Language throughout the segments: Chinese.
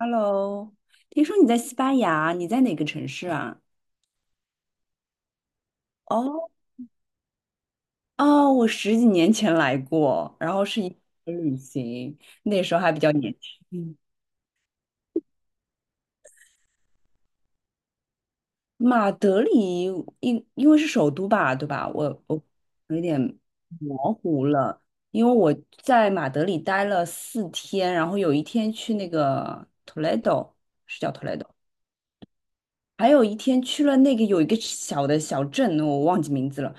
Hello，Hello，听说你在西班牙，你在哪个城市啊？哦哦，我十几年前来过，然后是一个旅行，那时候还比较年轻。马德里因为是首都吧，对吧？我有点模糊了，因为我在马德里待了四天，然后有一天去那个 Toledo，是叫 Toledo。还有一天去了那个有一个小的小镇，我忘记名字了。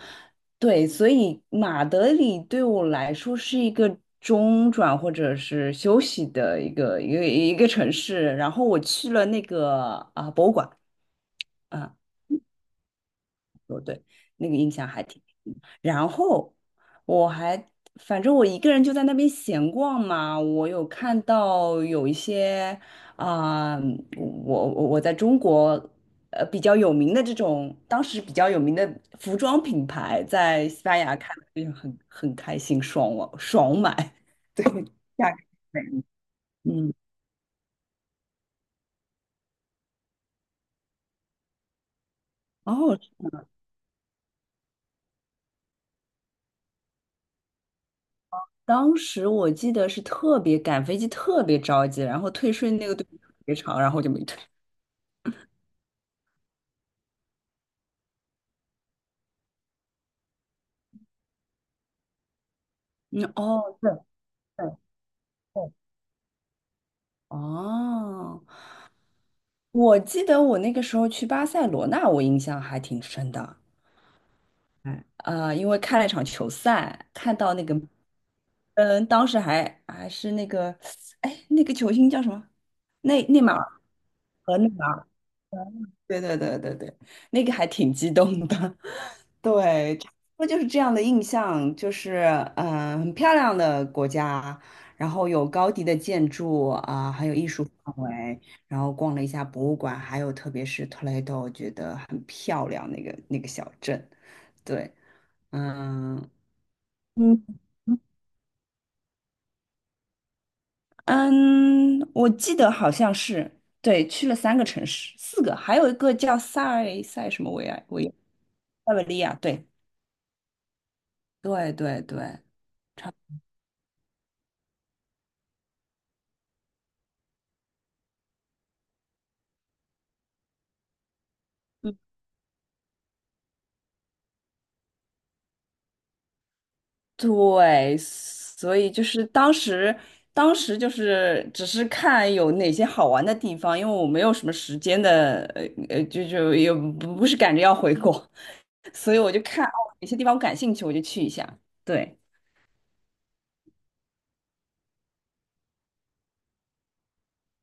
对，所以马德里对我来说是一个中转或者是休息的一个城市。然后我去了那个博物馆。啊。说对，那个印象还挺深。然后我还反正我一个人就在那边闲逛嘛，我有看到有一些啊、我在中国比较有名的这种，当时比较有名的服装品牌，在西班牙看就很开心，爽我爽买。价格嗯，哦，当时我记得是特别赶飞机，特别着急，然后退税那个队特别长，然后就没退。嗯，哦，对，对对哦，我记得我那个时候去巴塞罗那，我印象还挺深的。哎，因为看了一场球赛，看到那个，嗯，当时还是那个，哎，那个球星叫什么？内马尔和内马尔。对对对对对，那个还挺激动的。对，差不多就是这样的印象，就是嗯、很漂亮的国家，然后有高迪的建筑啊、还有艺术氛围，然后逛了一下博物馆，还有特别是 Toledo,我觉得很漂亮那个小镇。对，嗯，嗯。嗯，我记得好像是，对，去了三个城市，四个，还有一个叫塞塞什么维埃维塞维利亚，对，对对对，差不多，对，所以就是当时，当时就是只是看有哪些好玩的地方，因为我没有什么时间的，就也不是赶着要回国，所以我就看哪些地方我感兴趣，我就去一下，对，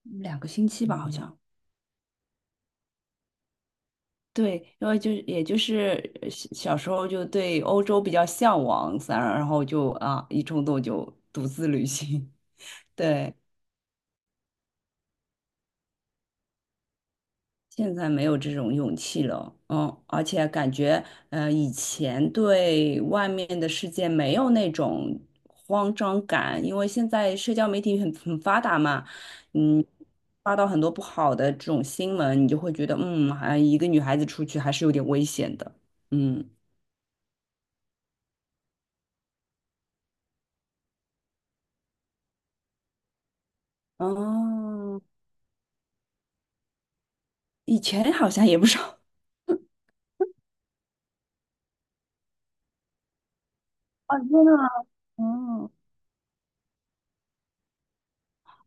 两个星期吧，好像。对，因为就是也就是小时候就对欧洲比较向往，然后就一冲动就独自旅行。对，现在没有这种勇气了，嗯，而且感觉以前对外面的世界没有那种慌张感，因为现在社交媒体很发达嘛，嗯。发到很多不好的这种新闻，你就会觉得，嗯，好像一个女孩子出去还是有点危险的，嗯。哦，以前好像也不少。哦，真的吗嗯，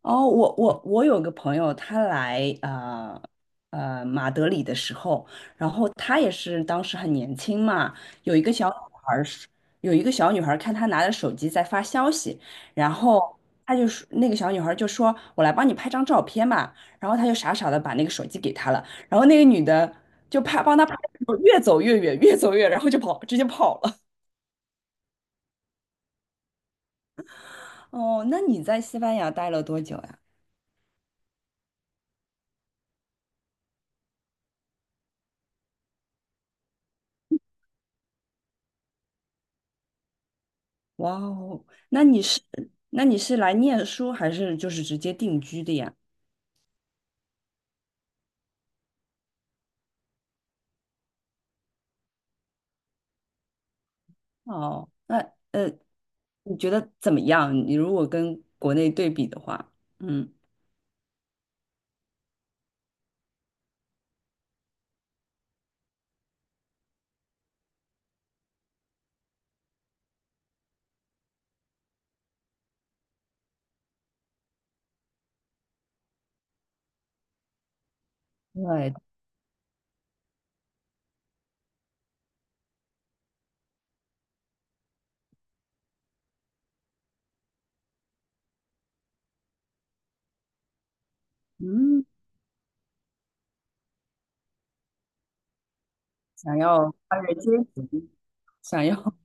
哦，我有个朋友，他来马德里的时候，然后他也是当时很年轻嘛，有一个小女孩儿是，有一个小女孩儿看他拿着手机在发消息，然后他就说那个小女孩儿就说："我来帮你拍张照片吧，然后他就傻傻的把那个手机给她了，然后那个女的就拍帮他拍的时候，越走越远，越走越远，然后就跑，直接跑了。哦，那你在西班牙待了多久呀？哇哦，那你是那你是来念书还是就是直接定居的呀？哦，那呃，你觉得怎么样？你如果跟国内对比的话，嗯，对，嗯，想要跨越阶级，想要，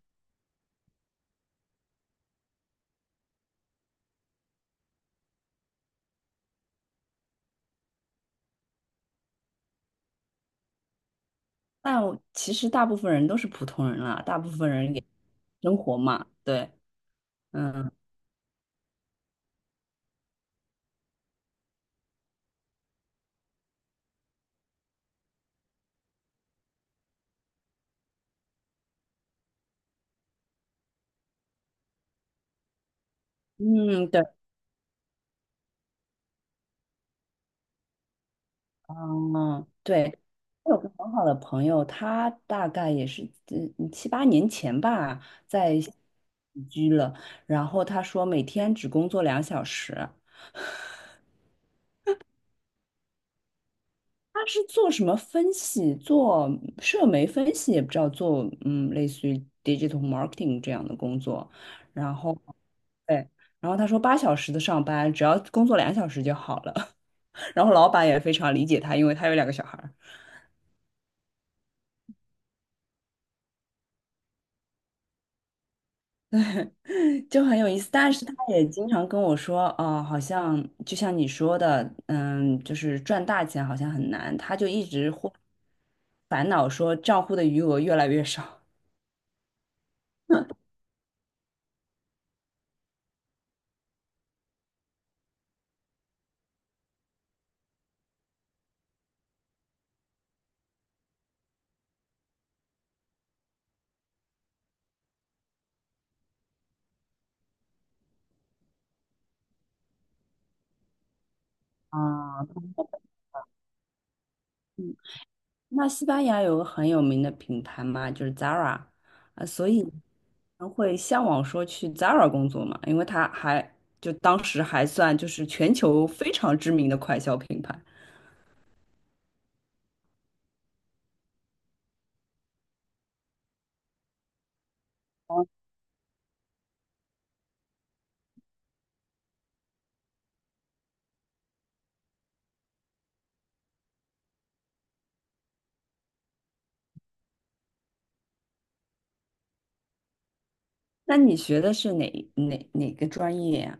但我其实大部分人都是普通人啦，大部分人也生活嘛，对，嗯嗯，对。嗯，对，我有个很好的朋友，他大概也是七八年前吧，在移居了，然后他说每天只工作两小时。他是做什么分析，做社媒分析，也不知道做类似于 digital marketing 这样的工作，然后对，然后他说八小时的上班，只要工作两小时就好了，然后老板也非常理解他，因为他有两个小孩。就很有意思，但是他也经常跟我说，哦，好像就像你说的，嗯，就是赚大钱好像很难，他就一直会烦恼说账户的余额越来越少。啊，嗯那西班牙有个很有名的品牌嘛，就是 Zara,啊，所以人会向往说去 Zara 工作嘛，因为他还就当时还算就是全球非常知名的快消品牌。那你学的是哪个专业呀？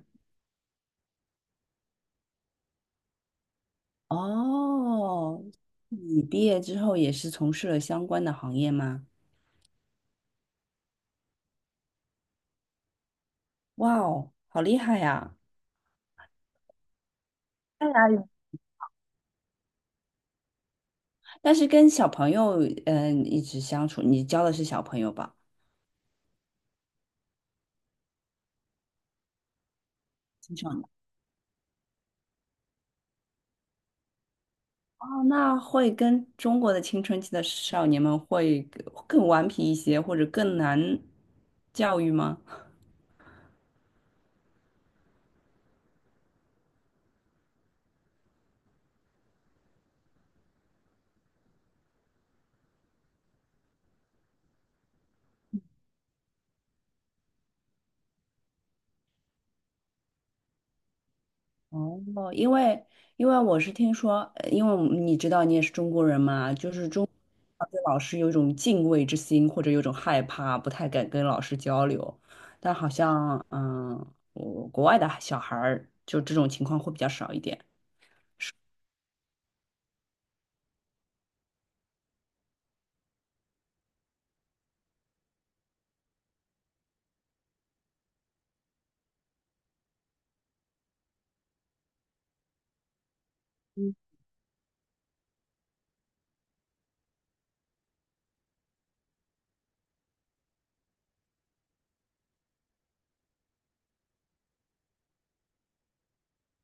哦，你毕业之后也是从事了相关的行业吗？哇哦，好厉害呀！在哪里？但是跟小朋友，嗯、一直相处，你教的是小朋友吧？青少年。哦，那会跟中国的青春期的少年们会更顽皮一些，或者更难教育吗？哦，因为因为我是听说，因为我们你知道你也是中国人嘛，就是中国对老师有一种敬畏之心，或者有一种害怕，不太敢跟老师交流。但好像，嗯，我国外的小孩儿就这种情况会比较少一点，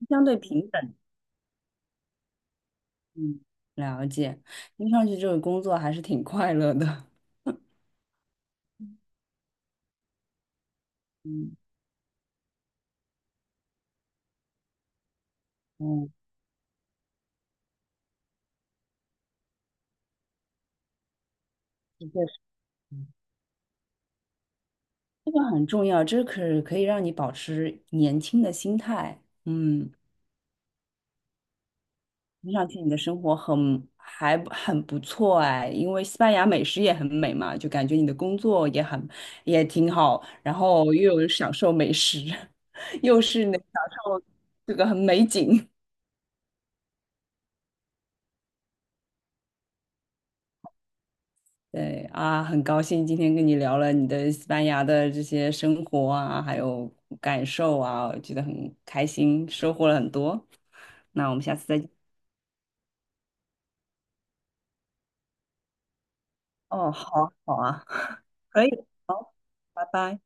相对平等。嗯，了解，听上去这个工作还是挺快乐的。嗯嗯，的确是，这个很重要，这可以让你保持年轻的心态。嗯。听上去你的生活很还不很不错哎，因为西班牙美食也很美嘛，就感觉你的工作也很也挺好，然后又有享受美食，又是能享受这个很美景。对啊，很高兴今天跟你聊了你的西班牙的这些生活啊，还有感受啊，我觉得很开心，收获了很多。那我们下次再见。哦，好啊好啊，可以，拜拜。